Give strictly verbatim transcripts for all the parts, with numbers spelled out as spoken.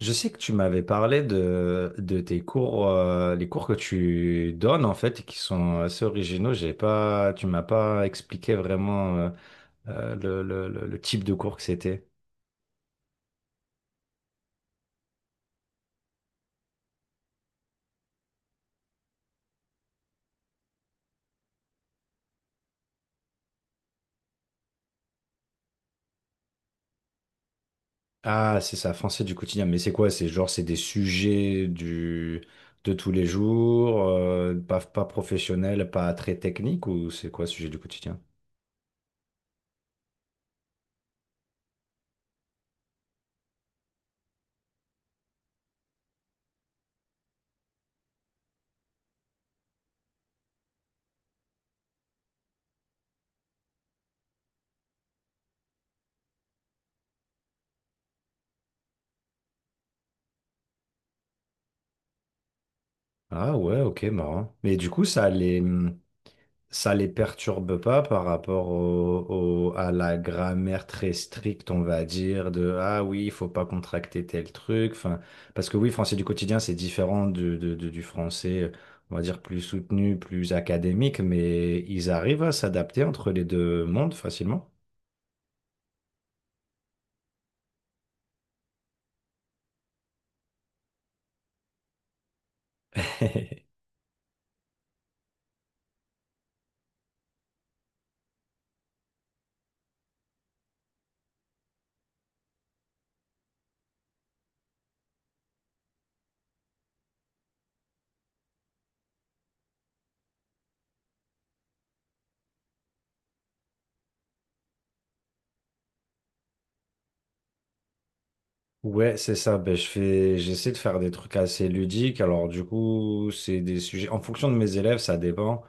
Je sais que tu m'avais parlé de, de tes cours, euh, les cours que tu donnes en fait, et qui sont assez originaux. J'ai pas, tu m'as pas expliqué vraiment euh, euh, le, le- le- le type de cours que c'était. Ah, c'est ça, français du quotidien. Mais c'est quoi? C'est genre, c'est des sujets du, de tous les jours, euh, pas, pas professionnels, pas très techniques, ou c'est quoi, sujet du quotidien? Ah ouais, ok, marrant. Mais du coup, ça allait. Ça les perturbe pas par rapport au, au- à la grammaire très stricte, on va dire, de ah oui, il faut pas contracter tel truc. Enfin, parce que oui, français du quotidien, c'est différent du, de- de- du français, on va dire, plus soutenu, plus académique, mais ils arrivent à s'adapter entre les deux mondes facilement. Ouais, c'est ça. Ben, je fais, j'essaie de faire des trucs assez ludiques. Alors, du coup, c'est des sujets. En fonction de mes élèves, ça dépend.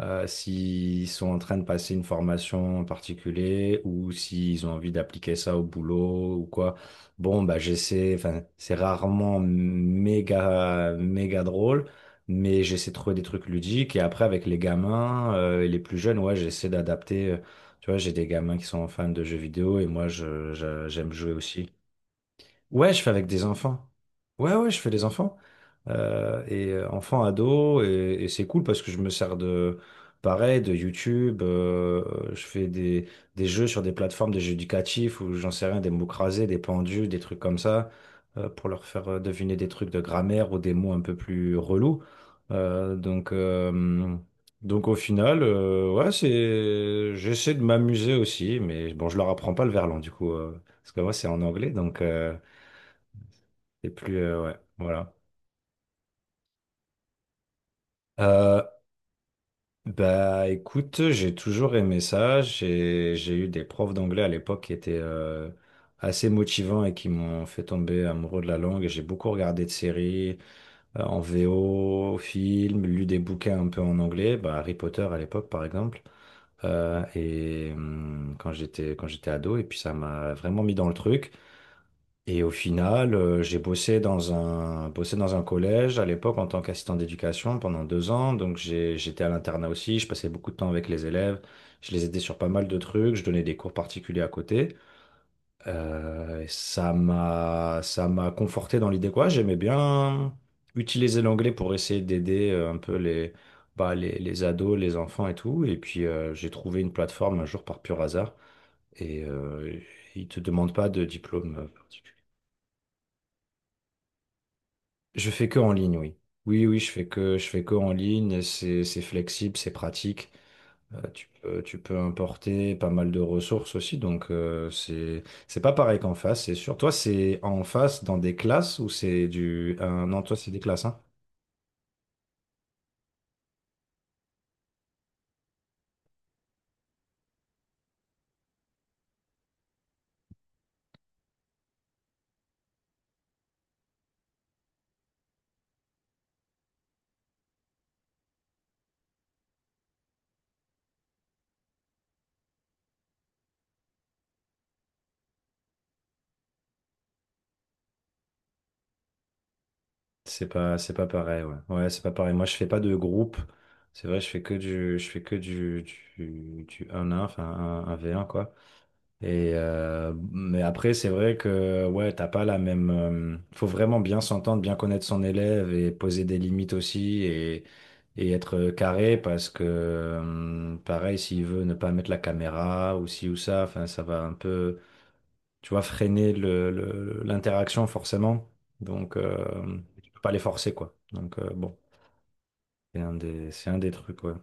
euh, S'ils sont en train de passer une formation en particulier ou s'ils ont envie d'appliquer ça au boulot ou quoi. Bon, bah, j'essaie. Enfin, c'est rarement méga, méga drôle, mais j'essaie de trouver des trucs ludiques. Et après, avec les gamins, euh, et les plus jeunes, ouais, j'essaie d'adapter. euh, Tu vois, j'ai des gamins qui sont fans de jeux vidéo et moi, je, je- j'aime jouer aussi. Ouais, je fais avec des enfants. Ouais, ouais, je fais des enfants. Euh, et euh, enfants, ados, et, et c'est cool parce que je me sers de, pareil, de YouTube. Euh, je fais des, des jeux sur des plateformes, des jeux éducatifs où j'en sais rien, des mots crasés, des pendus, des trucs comme ça, euh, pour leur faire euh, deviner des trucs de grammaire ou des mots un peu plus relous. Euh, donc, euh, donc au final, euh, ouais, c'est, j'essaie de m'amuser aussi, mais bon, je leur apprends pas le verlan du coup, euh, parce que moi c'est en anglais, donc. euh, C'est plus. Euh, ouais, voilà. Euh, Bah écoute, j'ai toujours aimé ça. J'ai, j'ai eu des profs d'anglais à l'époque qui étaient euh, assez motivants et qui m'ont fait tomber amoureux de la langue. Et J'ai beaucoup regardé de séries euh, en V O, films, lu des bouquins un peu en anglais, bah, Harry Potter à l'époque par exemple. Euh, et hum, quand j'étais quand j'étais ado, et puis ça m'a vraiment mis dans le truc. Et au final, euh, j'ai bossé dans un, bossé dans un collège à l'époque en tant qu'assistant d'éducation pendant deux ans. Donc j'ai- j'étais à l'internat aussi, je passais beaucoup de temps avec les élèves, je les aidais sur pas mal de trucs, je donnais des cours particuliers à côté. Euh, et ça m'a, ça m'a conforté dans l'idée quoi, j'aimais bien utiliser l'anglais pour essayer d'aider euh, un peu les, bah, les, les ados, les enfants et tout. Et puis euh, j'ai trouvé une plateforme un jour par pur hasard et euh, ils te demandent pas de diplôme. euh, particulier. Je fais que en ligne, oui. Oui, oui, je fais que, je fais que en ligne. C'est, c'est flexible, c'est pratique. Euh, tu peux, tu peux importer pas mal de ressources aussi. Donc, euh, c'est, c'est pas pareil qu'en face, c'est sûr. Toi, c'est en face dans des classes ou c'est du. Ah, non, toi, c'est des classes, hein. C'est pas, c'est pas pareil, ouais. Ouais, c'est pas pareil. Moi, je fais pas de groupe. C'est vrai, je fais que du, je fais que du, du, du un un, enfin, un un v un quoi. Et euh, mais après, c'est vrai que ouais, t'as pas la même. Euh, faut vraiment bien s'entendre, bien connaître son élève et poser des limites aussi et, et être carré parce que euh, pareil, s'il veut ne pas mettre la caméra ou ci ou ça, enfin, ça va un peu, tu vois, freiner le, le- l'interaction forcément. Donc, euh, tu peux pas les forcer quoi. Donc euh, bon, c'est un des, c'est un des trucs. Ouais.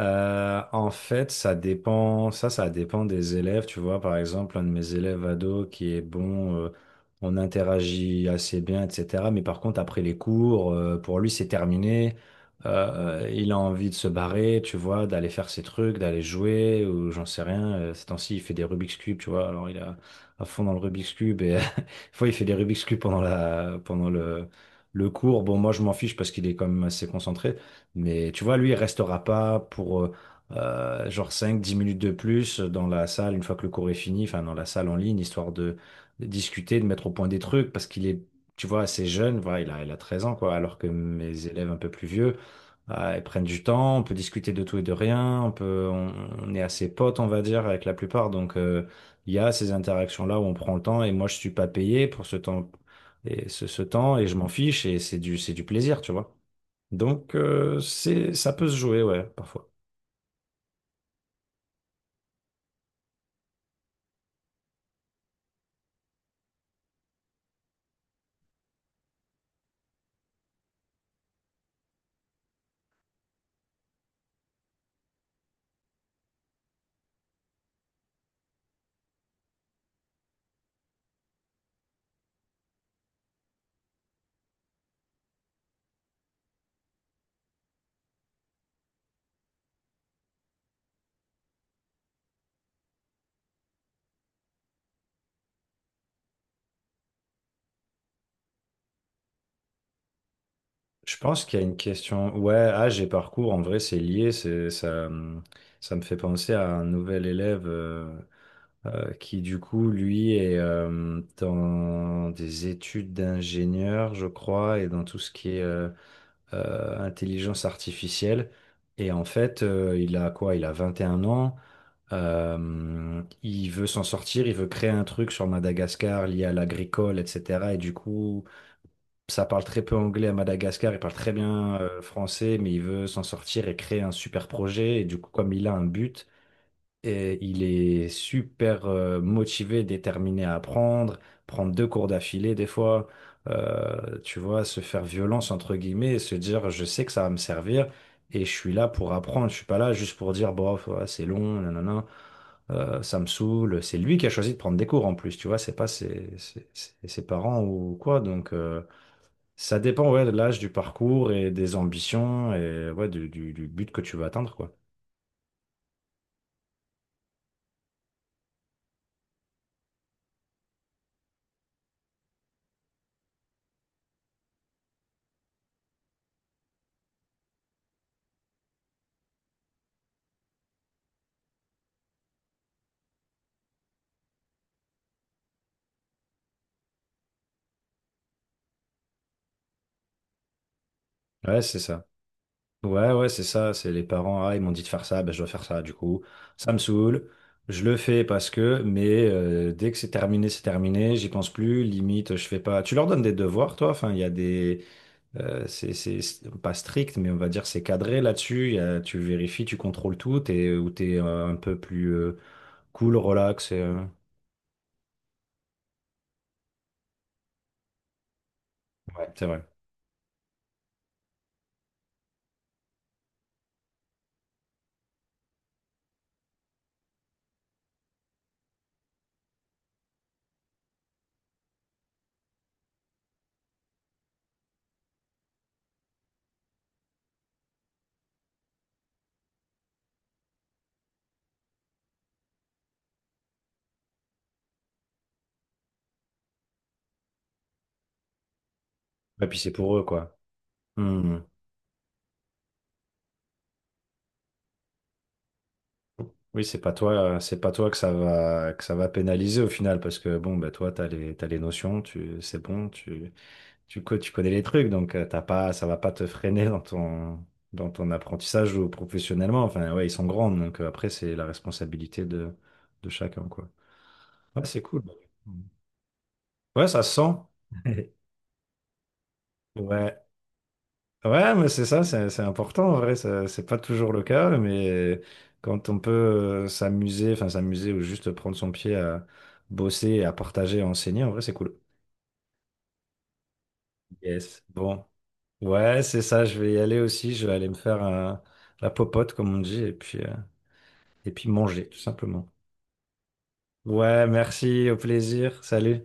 Euh, en fait, ça dépend, ça, ça dépend des élèves. Tu vois, par exemple, un de mes élèves ados qui est bon, euh, on interagit assez bien, et cetera. Mais par contre, après les cours, euh, pour lui, c'est terminé. Euh, il a envie de se barrer, tu vois, d'aller faire ses trucs, d'aller jouer, ou j'en sais rien. Euh, Ces temps-ci, il fait des Rubik's Cube, tu vois. Alors, il est à à fond dans le Rubik's Cube et des fois, il fait des Rubik's Cube pendant la, pendant le, le cours. Bon, moi, je m'en fiche parce qu'il est quand même assez concentré. Mais tu vois, lui, il restera pas pour euh, euh, genre cinq, dix minutes de plus dans la salle une fois que le cours est fini, enfin dans la salle en ligne, histoire de, de discuter, de mettre au point des trucs, parce qu'il est, tu vois, assez jeune, voilà, il a, il a treize ans, quoi, alors que mes élèves un peu plus vieux, euh, ils prennent du temps, on peut discuter de tout et de rien, on peut, on, on est assez potes, on va dire, avec la plupart, donc euh, il y a ces interactions-là où on prend le temps, et moi, je suis pas payé pour ce temps, et ce, ce temps, et je m'en fiche, et c'est du, c'est du plaisir, tu vois. Donc, euh, c'est, ça peut se jouer, ouais, parfois. Je pense qu'il y a une question. Ouais, âge et parcours, en vrai, c'est lié. C'est, ça, hum, ça me fait penser à un nouvel élève euh, euh, qui, du coup, lui, est euh, dans des études d'ingénieur, je crois, et dans tout ce qui est euh, euh, intelligence artificielle. Et en fait, euh, il a quoi? Il a vingt et un ans. Euh, il veut s'en sortir, il veut créer un truc sur Madagascar lié à l'agricole, et cetera. Et du coup, ça parle très peu anglais à Madagascar, il parle très bien euh, français, mais il veut s'en sortir et créer un super projet. Et du coup, comme il a un but, et il est super euh, motivé, déterminé à apprendre, prendre deux cours d'affilée des fois, euh, tu vois, se faire violence entre guillemets et se dire, je sais que ça va me servir. Et je suis là pour apprendre, je suis pas là juste pour dire, bof, ouais, c'est long, nanana, euh, ça me saoule. C'est lui qui a choisi de prendre des cours en plus, tu vois, c'est pas ses, ses- ses- ses parents ou quoi, donc euh, ça dépend ouais, de l'âge, du parcours et des ambitions et ouais, du, du- du but que tu veux atteindre, quoi. Ouais, c'est ça. Ouais, ouais, c'est ça. C'est les parents, ah, ils m'ont dit de faire ça, ben, je dois faire ça, du coup. Ça me saoule. Je le fais parce que, mais euh, dès que c'est terminé, c'est terminé, j'y pense plus, limite, je fais pas. Tu leur donnes des devoirs, toi? Enfin, il y a des. euh, c'est c'est- c'est pas strict, mais on va dire c'est cadré là-dessus. Il y a- tu vérifies, tu contrôles tout, t'es, ou t'es euh, un peu plus euh, cool, relax. et, euh, Ouais, c'est vrai. Et puis c'est pour eux, quoi. Hmm. Oui, c'est pas toi, euh, c'est pas toi que ça va que ça va pénaliser au final parce que bon bah toi t'as les t'as les notions, tu c'est bon, tu tu co- tu connais les trucs donc euh, t'as pas ça va pas te freiner dans ton dans ton apprentissage ou professionnellement. Enfin ouais, ils sont grands donc euh, après c'est la responsabilité de de chacun quoi. Ouais, c'est cool. Ouais, ça se sent. Ouais. Ouais, mais c'est ça, c'est c'est important en vrai, ça- c'est pas toujours le cas, mais quand on peut euh, s'amuser, enfin s'amuser ou juste prendre son pied à bosser et à partager à enseigner, en vrai, c'est cool. Yes. Bon. Ouais, c'est ça, je vais y aller aussi, je vais aller me faire un- la popote, comme on dit, et puis, euh, et puis manger, tout simplement. Ouais, merci, au plaisir, salut.